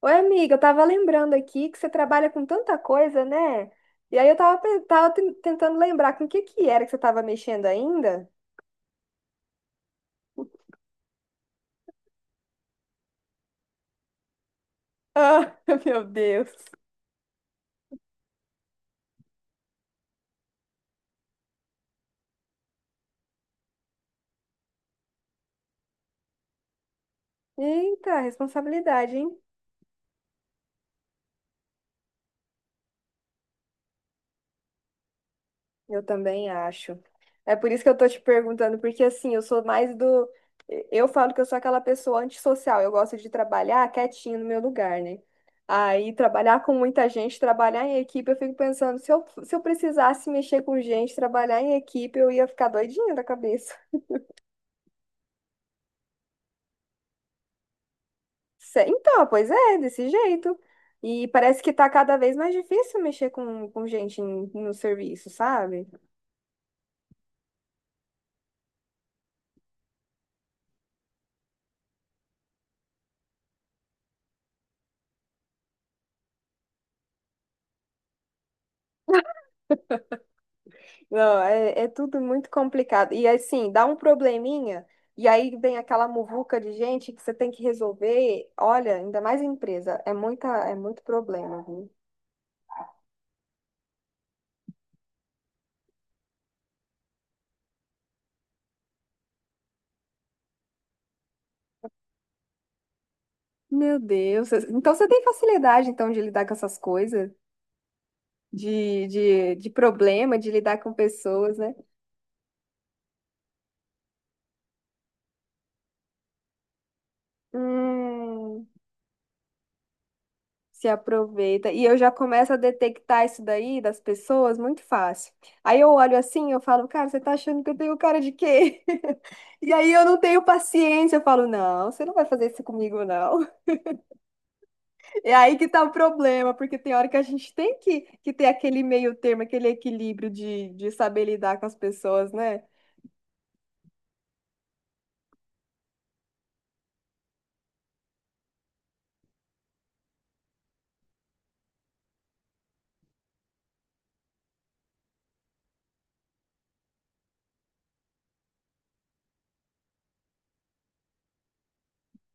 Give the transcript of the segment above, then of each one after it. Oi, amiga, eu tava lembrando aqui que você trabalha com tanta coisa, né? E aí eu tava, tentando lembrar com o que que era que você tava mexendo ainda. Ah, meu Deus. Eita, responsabilidade, hein? Eu também acho. É por isso que eu tô te perguntando, porque assim, eu sou mais do. Eu falo que eu sou aquela pessoa antissocial, eu gosto de trabalhar quietinho no meu lugar, né? Aí, trabalhar com muita gente, trabalhar em equipe, eu fico pensando, se eu precisasse mexer com gente, trabalhar em equipe, eu ia ficar doidinha da cabeça. Então, pois é, desse jeito. E parece que tá cada vez mais difícil mexer com gente no serviço, sabe? Não, é, é tudo muito complicado. E assim, dá um probleminha, e aí vem aquela muvuca de gente que você tem que resolver. Olha, ainda mais em empresa, é muita, é muito problema, viu? Meu Deus. Então você tem facilidade então de lidar com essas coisas, de problema, de lidar com pessoas, né? Hum, se aproveita. E eu já começo a detectar isso daí das pessoas muito fácil. Aí eu olho assim, eu falo, cara, você tá achando que eu tenho cara de quê? E aí eu não tenho paciência, eu falo, não, você não vai fazer isso comigo, não. É aí que tá o problema, porque tem hora que a gente tem que ter aquele meio termo, aquele equilíbrio de saber lidar com as pessoas, né?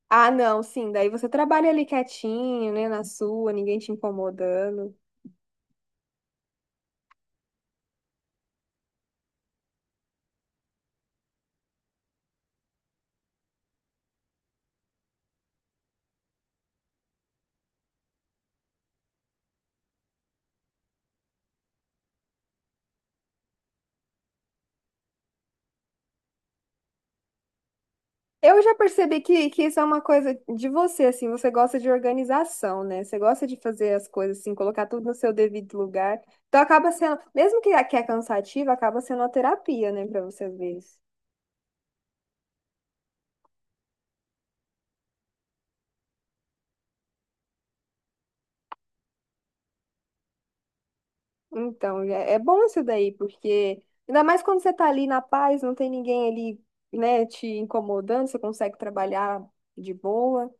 Ah, não, sim, daí você trabalha ali quietinho, né, na sua, ninguém te incomodando. Eu já percebi que isso é uma coisa de você, assim, você gosta de organização, né? Você gosta de fazer as coisas assim, colocar tudo no seu devido lugar. Então acaba sendo, mesmo que é cansativo, acaba sendo uma terapia, né, pra você ver isso. Então, é, é bom isso daí, porque ainda mais quando você tá ali na paz, não tem ninguém ali, né, te incomodando, você consegue trabalhar de boa.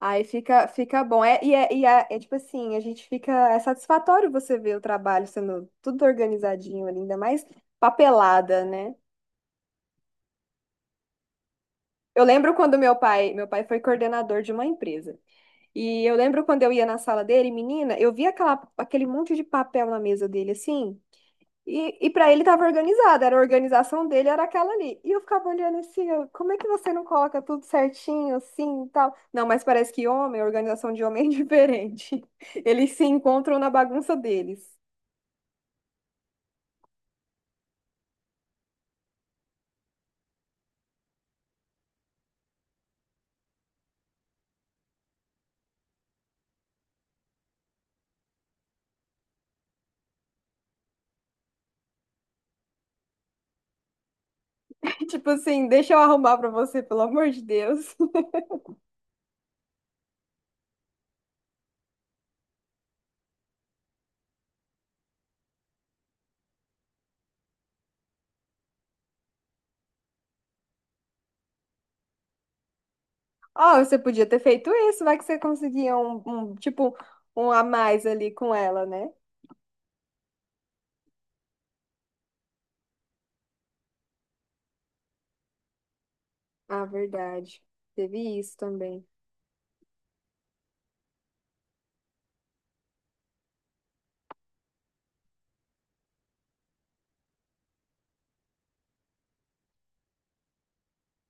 Aí fica, fica bom. É, é tipo assim, a gente fica. É satisfatório você ver o trabalho sendo tudo organizadinho ali, ainda mais papelada, né? Eu lembro quando meu pai foi coordenador de uma empresa. E eu lembro quando eu ia na sala dele, menina, eu via aquela, aquele monte de papel na mesa dele, assim. E para ele estava organizado, era a organização dele, era aquela ali. E eu ficava olhando assim, eu, como é que você não coloca tudo certinho assim e tal? Não, mas parece que homem, a organização de homem é diferente. Eles se encontram na bagunça deles. Tipo assim, deixa eu arrumar pra você, pelo amor de Deus. Ó, você podia ter feito isso, vai que você conseguia tipo, um a mais ali com ela, né? Ah, verdade. Teve isso também.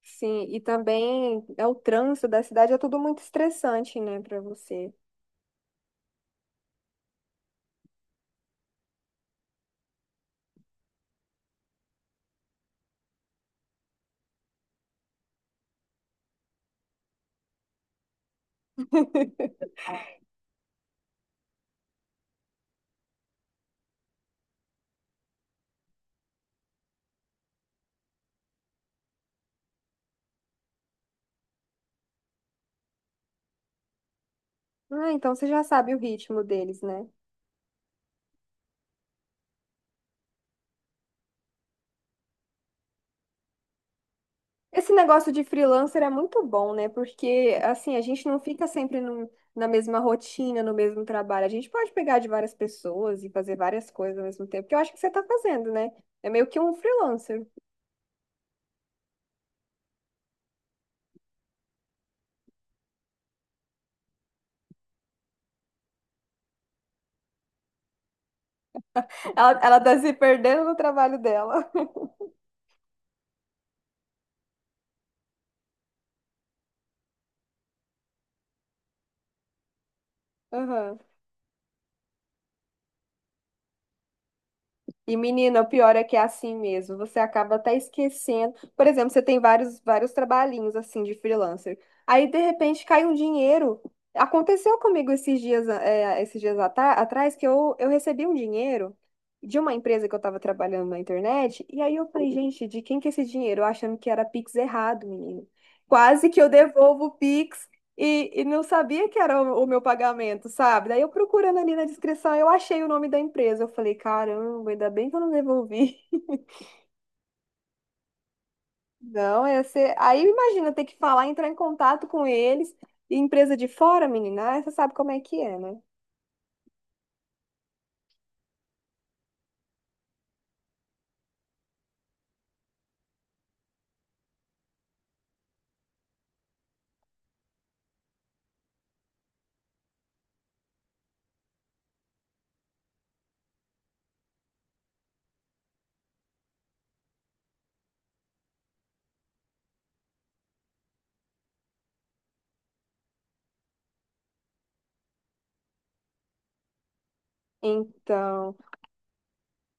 Sim, e também é o trânsito da cidade, é tudo muito estressante, né, pra você. Ah, então você já sabe o ritmo deles, né? Esse negócio de freelancer é muito bom, né? Porque, assim, a gente não fica sempre na mesma rotina, no mesmo trabalho. A gente pode pegar de várias pessoas e fazer várias coisas ao mesmo tempo, que eu acho que você tá fazendo, né? É meio que um freelancer. Ela tá se perdendo no trabalho dela. Aham. E, menina, o pior é que é assim mesmo. Você acaba até esquecendo. Por exemplo, você tem vários trabalhinhos assim de freelancer. Aí, de repente, cai um dinheiro. Aconteceu comigo esses dias, é, esses dias atrás que eu recebi um dinheiro de uma empresa que eu estava trabalhando na internet. E aí eu falei, gente, de quem que é esse dinheiro? Eu achando que era Pix errado, menino. Quase que eu devolvo o Pix. E não sabia que era o meu pagamento, sabe? Daí eu procurando ali na descrição, eu achei o nome da empresa. Eu falei, caramba, ainda bem que eu não devolvi. Não, ia ser... Aí imagina ter que falar, entrar em contato com eles, e empresa de fora, menina, aí você sabe como é que é, né? Então.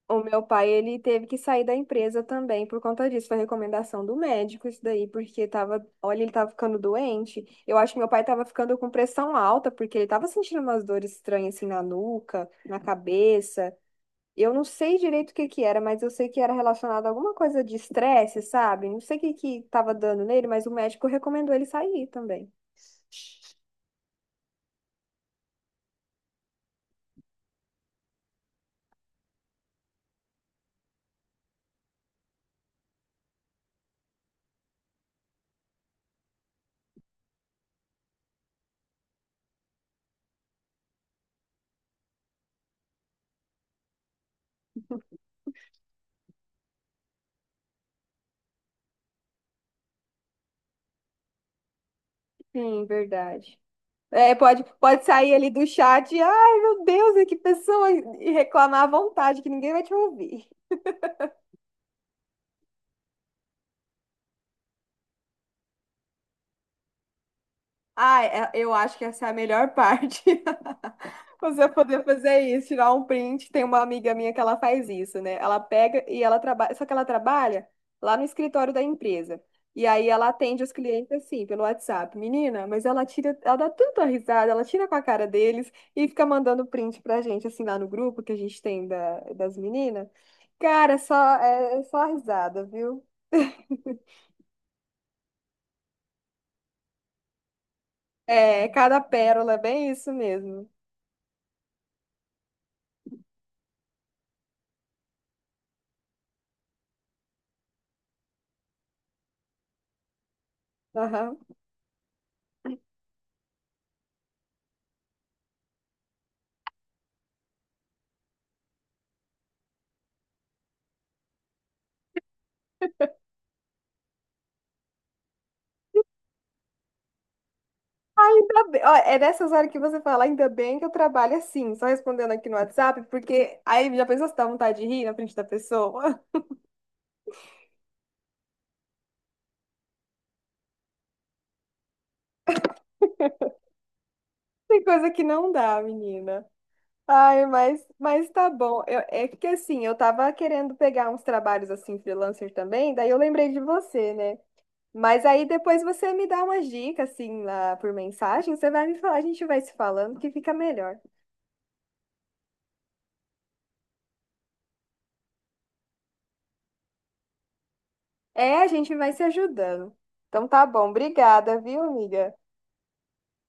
O meu pai, ele teve que sair da empresa também por conta disso. Foi recomendação do médico isso daí, porque tava, olha, ele tava ficando doente. Eu acho que meu pai tava ficando com pressão alta, porque ele tava sentindo umas dores estranhas assim na nuca, na cabeça. Eu não sei direito o que que era, mas eu sei que era relacionado a alguma coisa de estresse, sabe? Não sei o que que tava dando nele, mas o médico recomendou ele sair também. Sim, verdade. É, pode, pode sair ali do chat e, ai, meu Deus, e que pessoa, e reclamar à vontade, que ninguém vai te ouvir. Ah, eu acho que essa é a melhor parte. Você poder fazer isso, tirar um print. Tem uma amiga minha que ela faz isso, né? Ela pega e ela trabalha, só que ela trabalha lá no escritório da empresa. E aí ela atende os clientes assim, pelo WhatsApp. Menina, mas ela tira, ela dá tanta risada, ela tira com a cara deles e fica mandando print pra gente, assim, lá no grupo que a gente tem da, das meninas. Cara, é só risada, viu? É, cada pérola, é bem isso mesmo. Aham. Ah, ainda bem, ó, é nessas horas que você fala, ainda bem que eu trabalho assim, só respondendo aqui no WhatsApp, porque aí já pensou se dá vontade de rir na frente da pessoa? Tem coisa que não dá, menina. Ai, mas tá bom. É que assim, eu tava querendo pegar uns trabalhos assim, freelancer também, daí eu lembrei de você, né? Mas aí depois você me dá umas dicas, assim, lá por mensagem, você vai me falar, a gente vai se falando que fica melhor. É, a gente vai se ajudando. Então tá bom, obrigada, viu, amiga?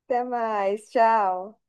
Até mais, tchau.